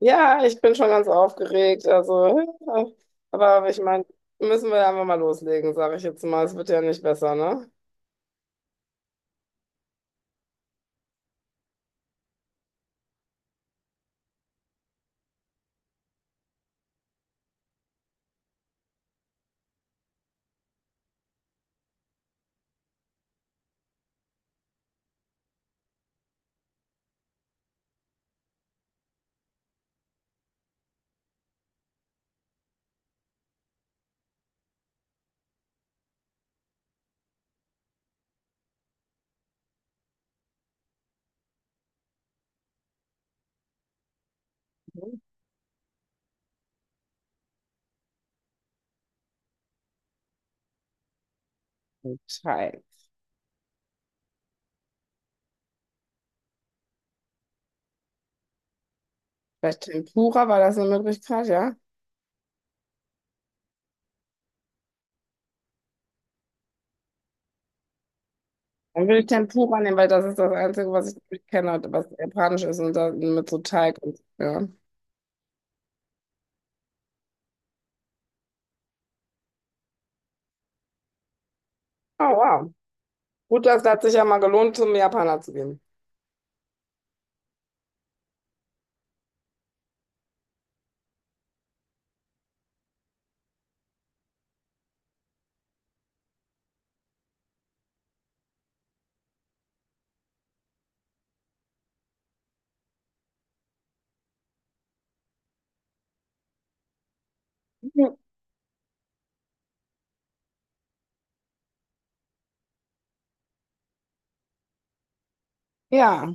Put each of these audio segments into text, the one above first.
Ja, ich bin schon ganz aufgeregt. Also, ja, aber ich meine, müssen wir einfach mal loslegen, sage ich jetzt mal. Es wird ja nicht besser, ne? Mhm. Teil. Vielleicht Tempura, war das eine Möglichkeit, ja? Dann will ich Tempura nehmen, weil das ist das Einzige, was ich wirklich kenne, was japanisch ist und dann mit so Teig und ja. Oh, wow. Gut, das hat sich ja mal gelohnt, zum Japaner zu gehen. Mhm. Ja,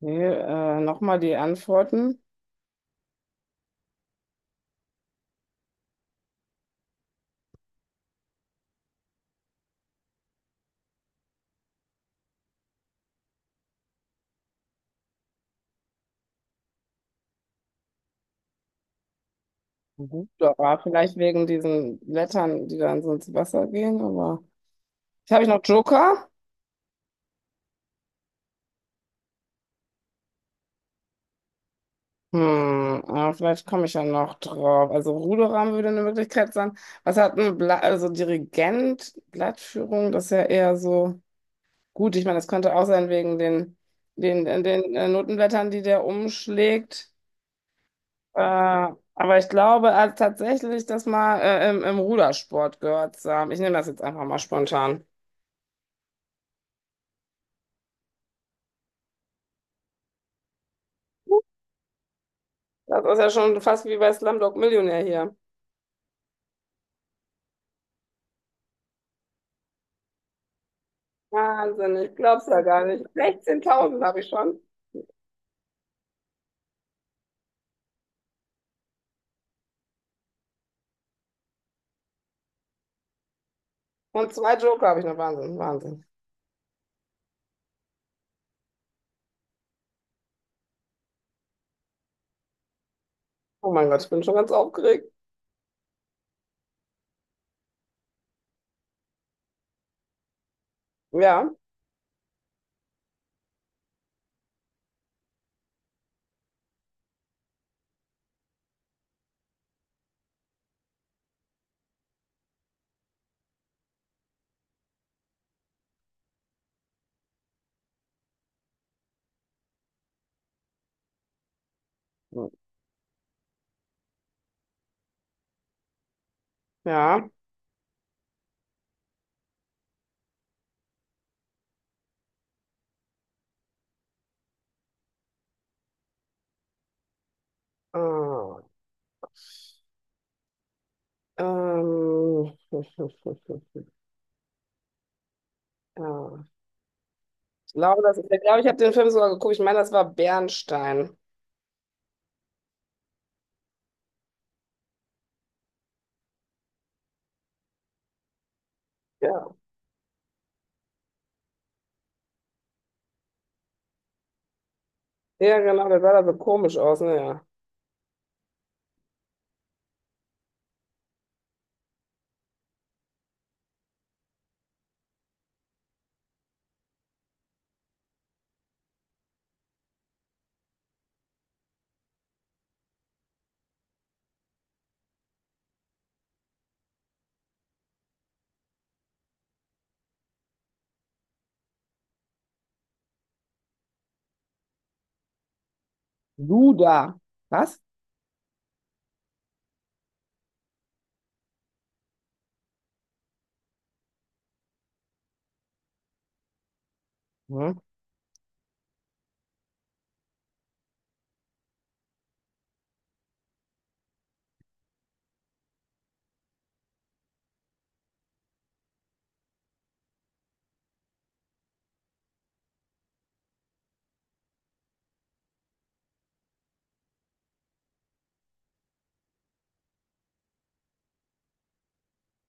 nee, nochmal die Antworten. Gut, aber vielleicht wegen diesen Blättern, die dann so ins Wasser gehen, aber. Habe ich noch Joker? Hm, ja, vielleicht komme ich ja noch drauf. Also Ruderam würde eine Möglichkeit sein. Was hat ein Bla, also Dirigent, Blattführung, das ist ja eher so gut. Ich meine, das könnte auch sein wegen den Notenblättern, die der umschlägt. Äh, aber ich glaube tatsächlich, das mal im Rudersport gehört zu haben. Ich nehme das jetzt einfach mal spontan. Das ist ja schon fast wie bei Slumdog Millionär hier. Wahnsinn, ich glaub's ja gar nicht. 16.000 habe ich schon. Und zwei Joker habe ich noch. Wahnsinn, Wahnsinn. Oh mein Gott, ich bin schon ganz aufgeregt. Ja, ja. Ah, ähm. Ja. Ich glaube, das ist, ich glaube, ich habe den Film sogar geguckt. Ich meine, das war Bernstein. Ja, ja, genau, der sah da so komisch aus, naja. Luda. Was? Hm?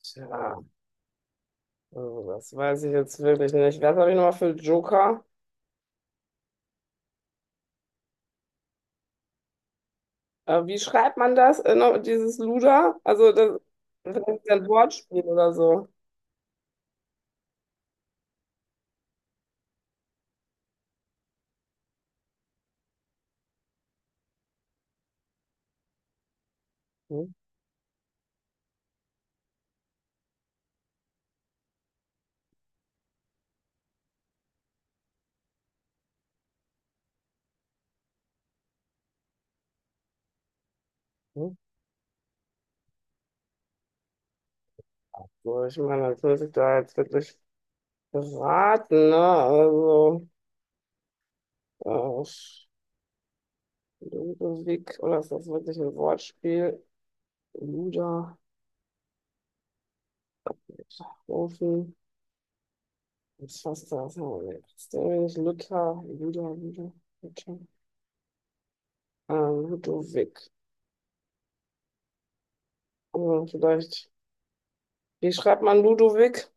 Tja, also das weiß ich jetzt wirklich nicht. Was habe ich nochmal für Joker? Wie schreibt man das, noch, dieses Luda? Also, das, vielleicht ist ja ein Wortspiel oder so. Hm? Hm? So, ich meine, das muss ich da jetzt wirklich raten, ne? Also, äh, Ludwig, oder ist das wirklich ein Wortspiel? Luder, Ofen, was fasst das? Ist der nicht Luther, Luder, Luder, Luther? Ludwig. Also, vielleicht, wie schreibt man Ludwig?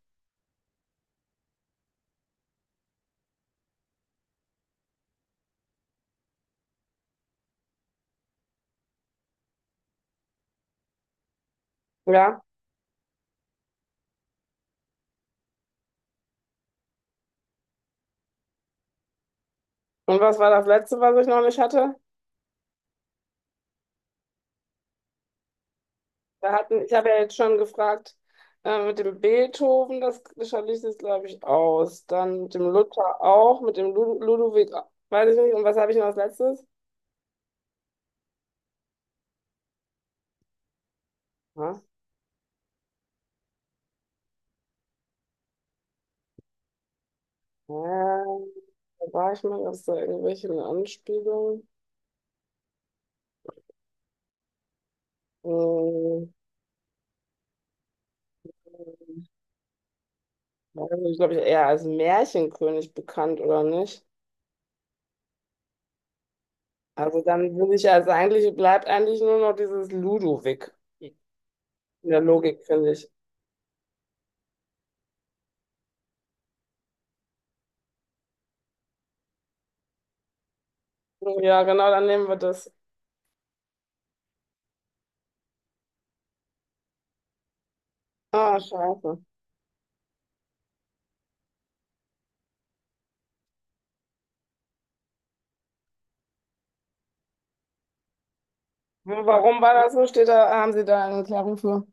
Ja. Und was war das letzte, was ich noch nicht hatte? Wir hatten, ich habe ja jetzt schon gefragt, mit dem Beethoven, das schalte ich jetzt, glaube ich, aus. Dann mit dem Luther auch, mit dem Lud Ludwig, auch. Weiß ich nicht. Und was habe ich noch als letztes? Ja, da war ich mal, gab es da irgendwelche Anspielungen? Hm, weiß nicht, glaube ich, eher als Märchenkönig bekannt, oder nicht? Also dann würde ich also eigentlich, bleibt eigentlich nur noch dieses Ludwig in der Logik, finde ich. Ja, genau, dann nehmen wir das. Ah, scheiße. Warum war das so? Steht da, haben Sie da eine Erklärung für?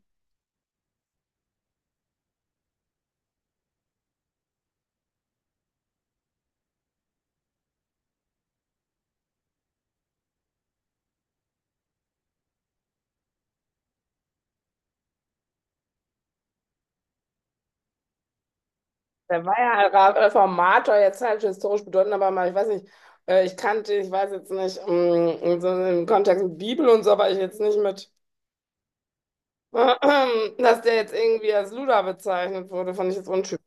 Der war ja ein Ra- Reformator, jetzt halt historisch bedeutend, aber mal, ich weiß nicht, ich kannte, ich weiß jetzt nicht, in so im Kontext mit Bibel und so, aber ich jetzt nicht mit, dass der jetzt irgendwie als Luder bezeichnet wurde, fand ich jetzt untypisch.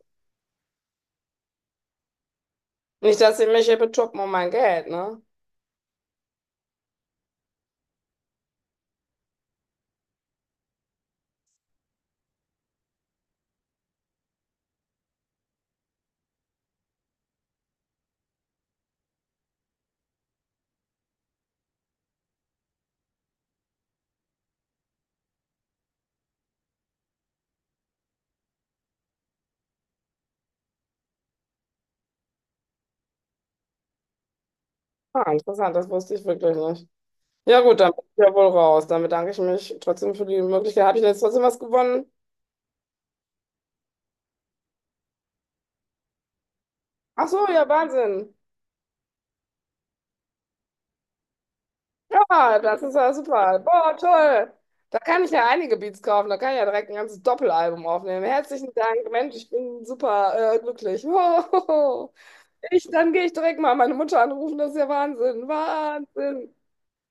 Nicht, dass sie mich hier betuppen um mein Geld, ne? Ah, interessant, das wusste ich wirklich nicht. Ja gut, dann bin ich ja wohl raus. Dann bedanke ich mich trotzdem für die Möglichkeit. Habe ich denn jetzt trotzdem was gewonnen? Ach so, ja, Wahnsinn. Ja, das ist ja super. Boah, toll. Da kann ich ja einige Beats kaufen. Da kann ich ja direkt ein ganzes Doppelalbum aufnehmen. Herzlichen Dank. Mensch, ich bin super glücklich. Ich, dann gehe ich direkt mal meine Mutter anrufen. Das ist ja Wahnsinn. Wahnsinn.